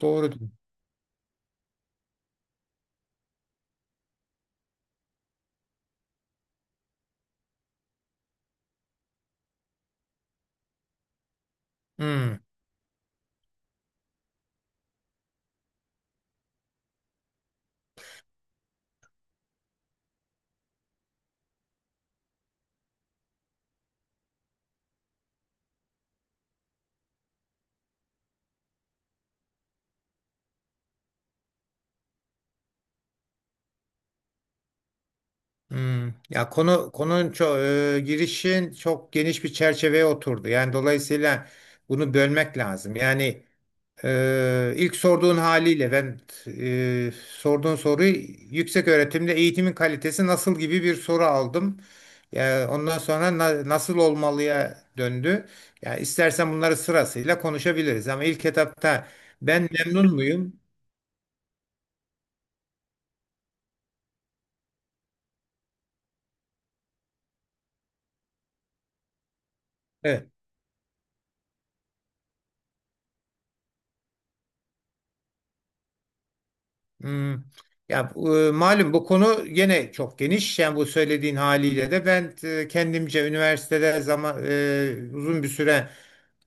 Doğru, diyor. Hmm, hmm. Ya konunun çok girişin çok geniş bir çerçeveye oturdu. Yani dolayısıyla bunu bölmek lazım. Yani ilk sorduğun haliyle ben sorduğun soruyu yüksek öğretimde eğitimin kalitesi nasıl gibi bir soru aldım. Ya ondan sonra nasıl olmalıya döndü. Ya istersen bunları sırasıyla konuşabiliriz ama ilk etapta ben memnun muyum? Evet. Hmm. Ya malum bu konu gene çok geniş. Yani bu söylediğin haliyle de ben kendimce üniversitede zaman uzun bir süre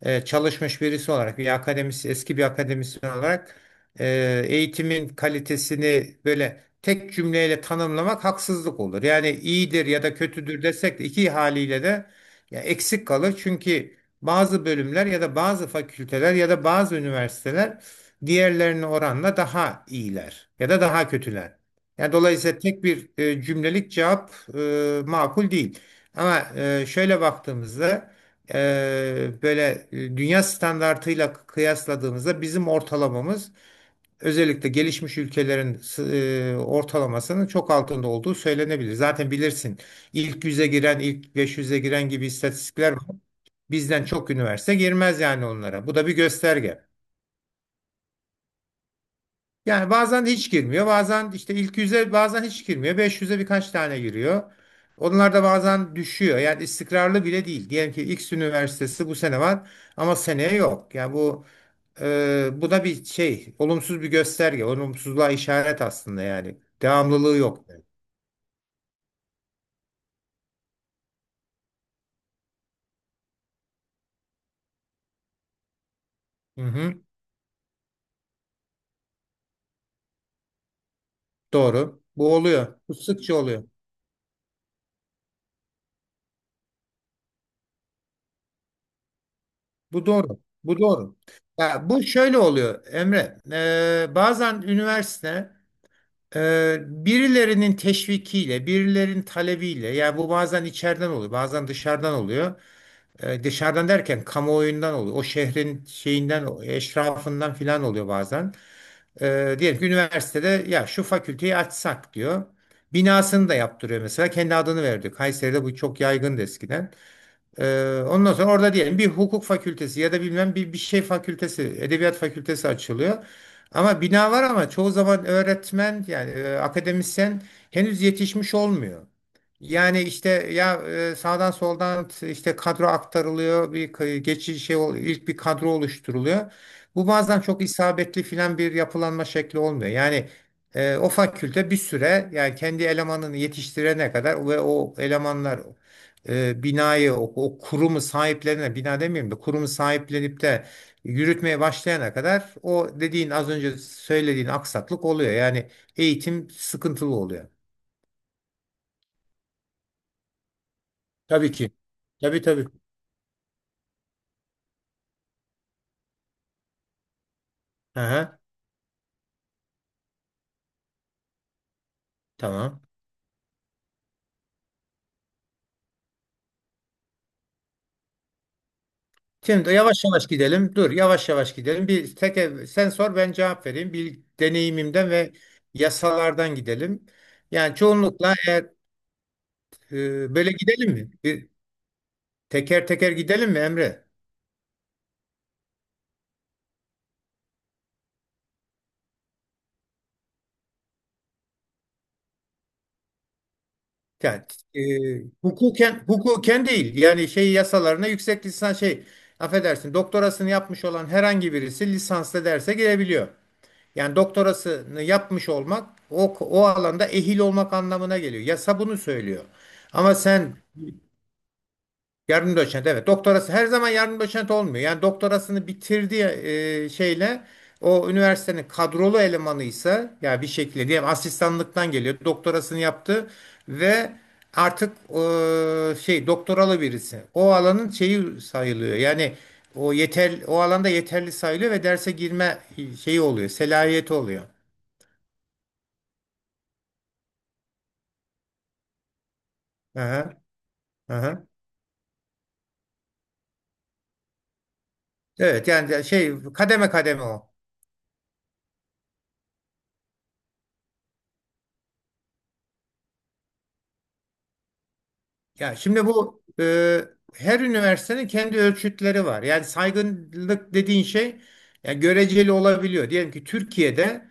çalışmış birisi olarak, bir eski bir akademisyen olarak eğitimin kalitesini böyle tek cümleyle tanımlamak haksızlık olur. Yani iyidir ya da kötüdür desek de iki haliyle de ya eksik kalır. Çünkü bazı bölümler ya da bazı fakülteler ya da bazı üniversiteler diğerlerine oranla daha iyiler ya da daha kötüler. Yani dolayısıyla tek bir cümlelik cevap makul değil. Ama şöyle baktığımızda böyle dünya standartıyla kıyasladığımızda bizim ortalamamız özellikle gelişmiş ülkelerin ortalamasının çok altında olduğu söylenebilir. Zaten bilirsin ilk 100'e giren, ilk 500'e giren gibi istatistikler var. Bizden çok üniversite girmez yani onlara. Bu da bir gösterge. Yani bazen hiç girmiyor. Bazen işte ilk 100'e bazen hiç girmiyor. 500'e birkaç tane giriyor. Onlar da bazen düşüyor. Yani istikrarlı bile değil. Diyelim ki X üniversitesi bu sene var ama seneye yok. Yani bu bu da bir şey, olumsuz bir gösterge, olumsuzluğa işaret aslında yani. Devamlılığı yok. Hı hı, doğru. Bu oluyor. Bu sıkça oluyor. Bu doğru. Bu doğru. Ya bu şöyle oluyor Emre. Bazen üniversite, birilerinin teşvikiyle, birilerinin talebiyle, yani bu bazen içeriden oluyor, bazen dışarıdan oluyor. Dışarıdan derken kamuoyundan oluyor, o şehrin şeyinden, o eşrafından filan oluyor bazen. Diyelim ki üniversitede ya şu fakülteyi açsak diyor. Binasını da yaptırıyor mesela, kendi adını veriyor. Kayseri'de bu çok yaygındı eskiden. Ondan sonra orada diyelim bir hukuk fakültesi ya da bilmem bir şey fakültesi, edebiyat fakültesi açılıyor. Ama bina var ama çoğu zaman öğretmen yani akademisyen henüz yetişmiş olmuyor. Yani işte ya sağdan soldan işte kadro aktarılıyor, bir geçici şey ilk bir kadro oluşturuluyor. Bu bazen çok isabetli filan bir yapılanma şekli olmuyor. Yani o fakülte bir süre yani kendi elemanını yetiştirene kadar ve o elemanlar binayı o kurumu sahiplerine bina demeyeyim de kurumu sahiplenip de yürütmeye başlayana kadar o dediğin az önce söylediğin aksaklık oluyor. Yani eğitim sıkıntılı oluyor. Tabii ki. Tabii tabii. Aha, tamam. Şimdi yavaş yavaş gidelim. Dur yavaş yavaş gidelim. Bir tek sen sor ben cevap vereyim. Bir deneyimimden ve yasalardan gidelim. Yani çoğunlukla eğer böyle gidelim mi? Bir teker teker gidelim mi Emre? Yani, e, hukuken, hukuken değil. Yani şey yasalarına yüksek lisans şey affedersin doktorasını yapmış olan herhangi birisi lisanslı derse girebiliyor. Yani doktorasını yapmış olmak o alanda ehil olmak anlamına geliyor. Yasa bunu söylüyor. Ama sen. Yardımcı doçent, evet, doktorası her zaman yardımcı doçent olmuyor. Yani doktorasını bitirdiği şeyle o üniversitenin kadrolu elemanıysa ya bir şekilde diyelim asistanlıktan geliyor doktorasını yaptı ve artık şey doktoralı birisi o alanın şeyi sayılıyor. Yani o yeter o alanda yeterli sayılıyor ve derse girme şeyi oluyor selahiyeti oluyor. Aha, aha. Evet yani şey kademe kademe o. Ya şimdi bu her üniversitenin kendi ölçütleri var. Yani saygınlık dediğin şey yani göreceli olabiliyor. Diyelim ki Türkiye'de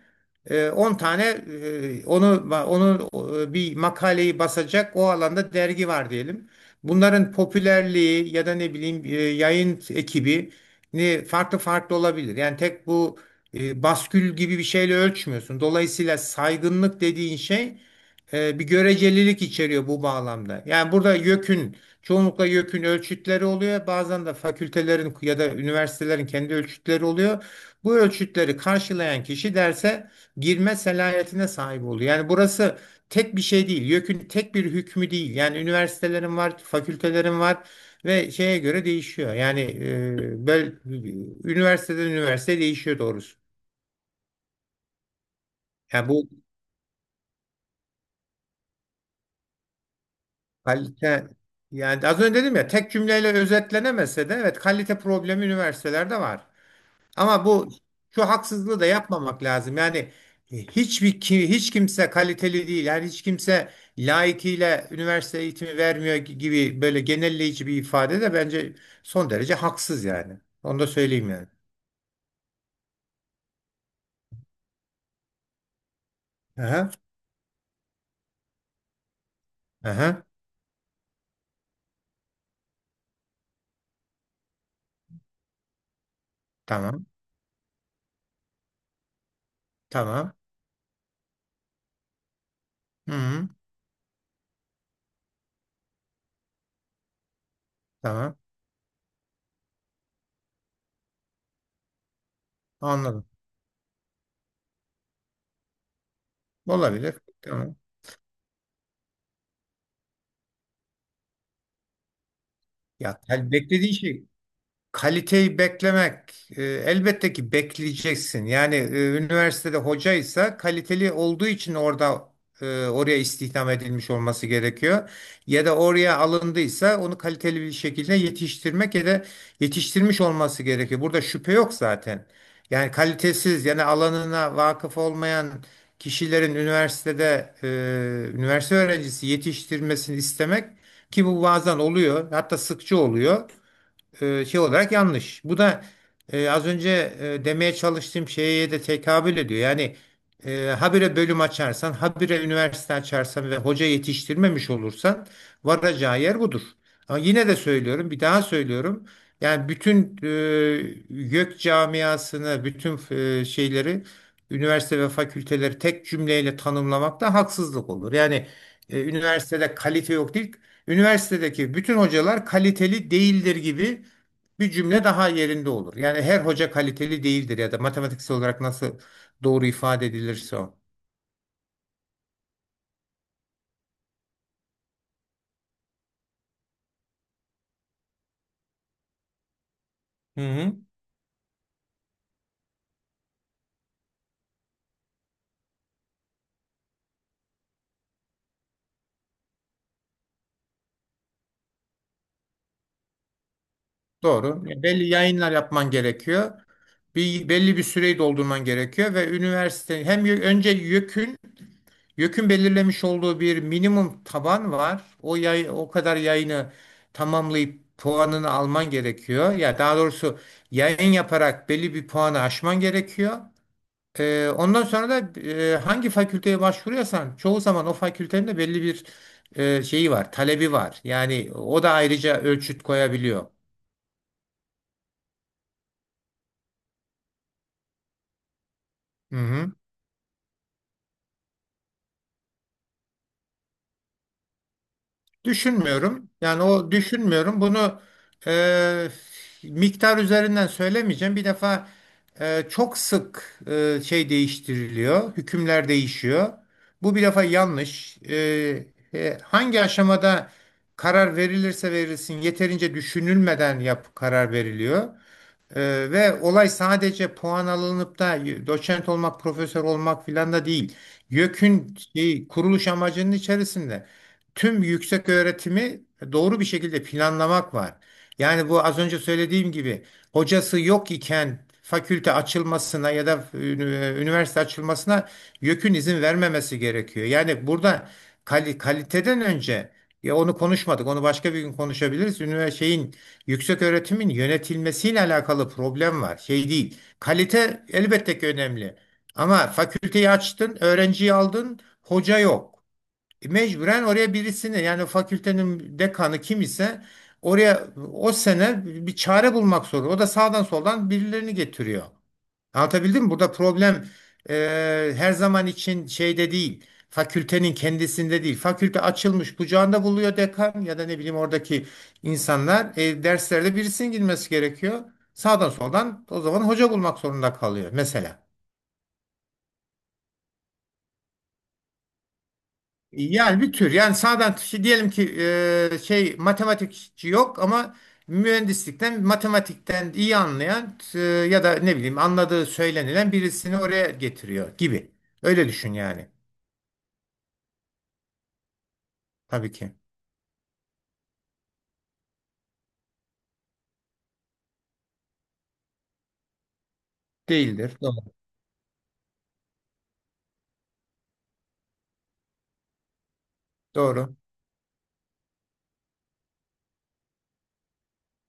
10 tane onu bir makaleyi basacak o alanda dergi var diyelim. Bunların popülerliği ya da ne bileyim yayın ekibi ne farklı farklı olabilir. Yani tek bu baskül gibi bir şeyle ölçmüyorsun. Dolayısıyla saygınlık dediğin şey bir görecelilik içeriyor bu bağlamda. Yani burada YÖK'ün çoğunlukla YÖK'ün ölçütleri oluyor. Bazen de fakültelerin ya da üniversitelerin kendi ölçütleri oluyor. Bu ölçütleri karşılayan kişi derse girme selahiyetine sahip oluyor. Yani burası tek bir şey değil. YÖK'ün tek bir hükmü değil. Yani üniversitelerin var, fakültelerin var ve şeye göre değişiyor. Yani böyle üniversiteden üniversiteye değişiyor doğrusu. Yani bu kalite, yani az önce dedim ya tek cümleyle özetlenemese de evet kalite problemi üniversitelerde var. Ama bu şu haksızlığı da yapmamak lazım. Yani hiçbir hiç kimse kaliteli değil. Yani hiç kimse layıkıyla üniversite eğitimi vermiyor gibi böyle genelleyici bir ifade de bence son derece haksız yani. Onu da söyleyeyim yani. Aha, aha, tamam, tamam. Hı, hı, tamam. Anladım. Olabilir. Tamam. Ya beklediğin şey kaliteyi beklemek, elbette ki bekleyeceksin. Yani üniversitede hocaysa kaliteli olduğu için orada oraya istihdam edilmiş olması gerekiyor. Ya da oraya alındıysa onu kaliteli bir şekilde yetiştirmek ya da yetiştirmiş olması gerekiyor. Burada şüphe yok zaten. Yani kalitesiz yani alanına vakıf olmayan kişilerin üniversitede üniversite öğrencisi yetiştirmesini istemek ki bu bazen oluyor hatta sıkça oluyor şey olarak yanlış. Bu da az önce demeye çalıştığım şeye de tekabül ediyor. Yani habire bölüm açarsan, habire üniversite açarsan ve hoca yetiştirmemiş olursan varacağı yer budur. Ama yine de söylüyorum, bir daha söylüyorum. Yani bütün YÖK camiasını, bütün şeyleri, üniversite ve fakülteleri tek cümleyle tanımlamak da haksızlık olur. Yani üniversitede kalite yok değil, üniversitedeki bütün hocalar kaliteli değildir gibi bir cümle daha yerinde olur. Yani her hoca kaliteli değildir ya da matematiksel olarak nasıl doğru ifade edilirse o. Hı hı. Doğru. Ya belli yayınlar yapman gerekiyor. Bir, belli bir süreyi doldurman gerekiyor ve üniversite hem önce YÖK'ün belirlemiş olduğu bir minimum taban var. O o kadar yayını tamamlayıp puanını alman gerekiyor. Ya daha doğrusu yayın yaparak belli bir puanı aşman gerekiyor. Ondan sonra da hangi fakülteye başvuruyorsan çoğu zaman o fakültenin de belli bir şeyi var, talebi var. Yani o da ayrıca ölçüt koyabiliyor. Hı hı. Düşünmüyorum. Yani o düşünmüyorum. Bunu e, miktar üzerinden söylemeyeceğim. Bir defa çok sık şey değiştiriliyor. Hükümler değişiyor. Bu bir defa yanlış. Hangi aşamada karar verilirse verilsin yeterince düşünülmeden karar veriliyor. Ve olay sadece puan alınıp da doçent olmak, profesör olmak filan da değil. YÖK'ün şey, kuruluş amacının içerisinde tüm yüksek öğretimi doğru bir şekilde planlamak var. Yani bu az önce söylediğim gibi hocası yok iken fakülte açılmasına ya da üniversite açılmasına YÖK'ün izin vermemesi gerekiyor. Yani burada kaliteden önce ya onu konuşmadık. Onu başka bir gün konuşabiliriz. Yükseköğretimin yönetilmesiyle alakalı problem var. Şey değil. Kalite elbette ki önemli. Ama fakülteyi açtın, öğrenciyi aldın, hoca yok. Mecburen oraya birisini yani fakültenin dekanı kim ise oraya o sene bir çare bulmak zorunda. O da sağdan soldan birilerini getiriyor. Anlatabildim mi? Burada problem e, her zaman için şeyde değil. Fakültenin kendisinde değil. Fakülte açılmış kucağında buluyor dekan ya da ne bileyim oradaki insanlar. Derslerde birisinin girmesi gerekiyor. Sağdan soldan o zaman hoca bulmak zorunda kalıyor mesela. Yani bir tür yani sağdan şey diyelim ki şey matematikçi yok ama mühendislikten matematikten iyi anlayan ya da ne bileyim anladığı söylenilen birisini oraya getiriyor gibi. Öyle düşün yani. Tabii ki. Değildir. Doğru. Doğru.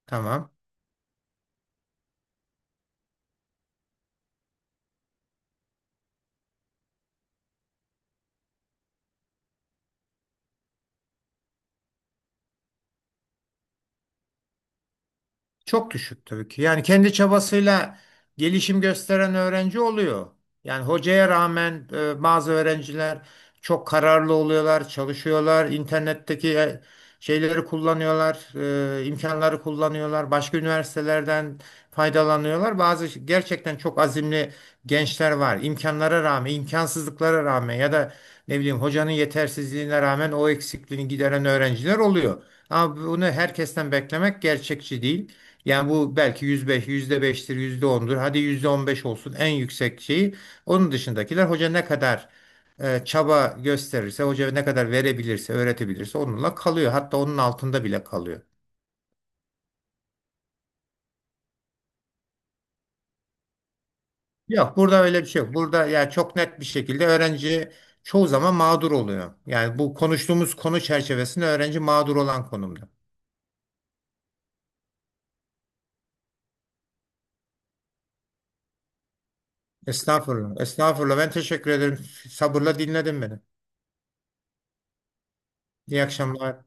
Tamam. Çok düşük tabii ki. Yani kendi çabasıyla gelişim gösteren öğrenci oluyor. Yani hocaya rağmen bazı öğrenciler çok kararlı oluyorlar, çalışıyorlar, internetteki şeyleri kullanıyorlar, imkanları kullanıyorlar, başka üniversitelerden faydalanıyorlar. Bazı gerçekten çok azimli gençler var. İmkanlara rağmen, imkansızlıklara rağmen ya da ne bileyim hocanın yetersizliğine rağmen o eksikliğini gideren öğrenciler oluyor. Ama bunu herkesten beklemek gerçekçi değil. Yani bu belki %5'tir, yüzde ondur. Hadi %15 olsun en yüksek şeyi. Onun dışındakiler hoca ne kadar çaba gösterirse, hoca ne kadar verebilirse, öğretebilirse onunla kalıyor. Hatta onun altında bile kalıyor. Yok burada öyle bir şey yok. Burada yani çok net bir şekilde öğrenci çoğu zaman mağdur oluyor. Yani bu konuştuğumuz konu çerçevesinde öğrenci mağdur olan konumda. Estağfurullah. Estağfurullah. Ben teşekkür ederim. Sabırla dinledin beni. İyi akşamlar.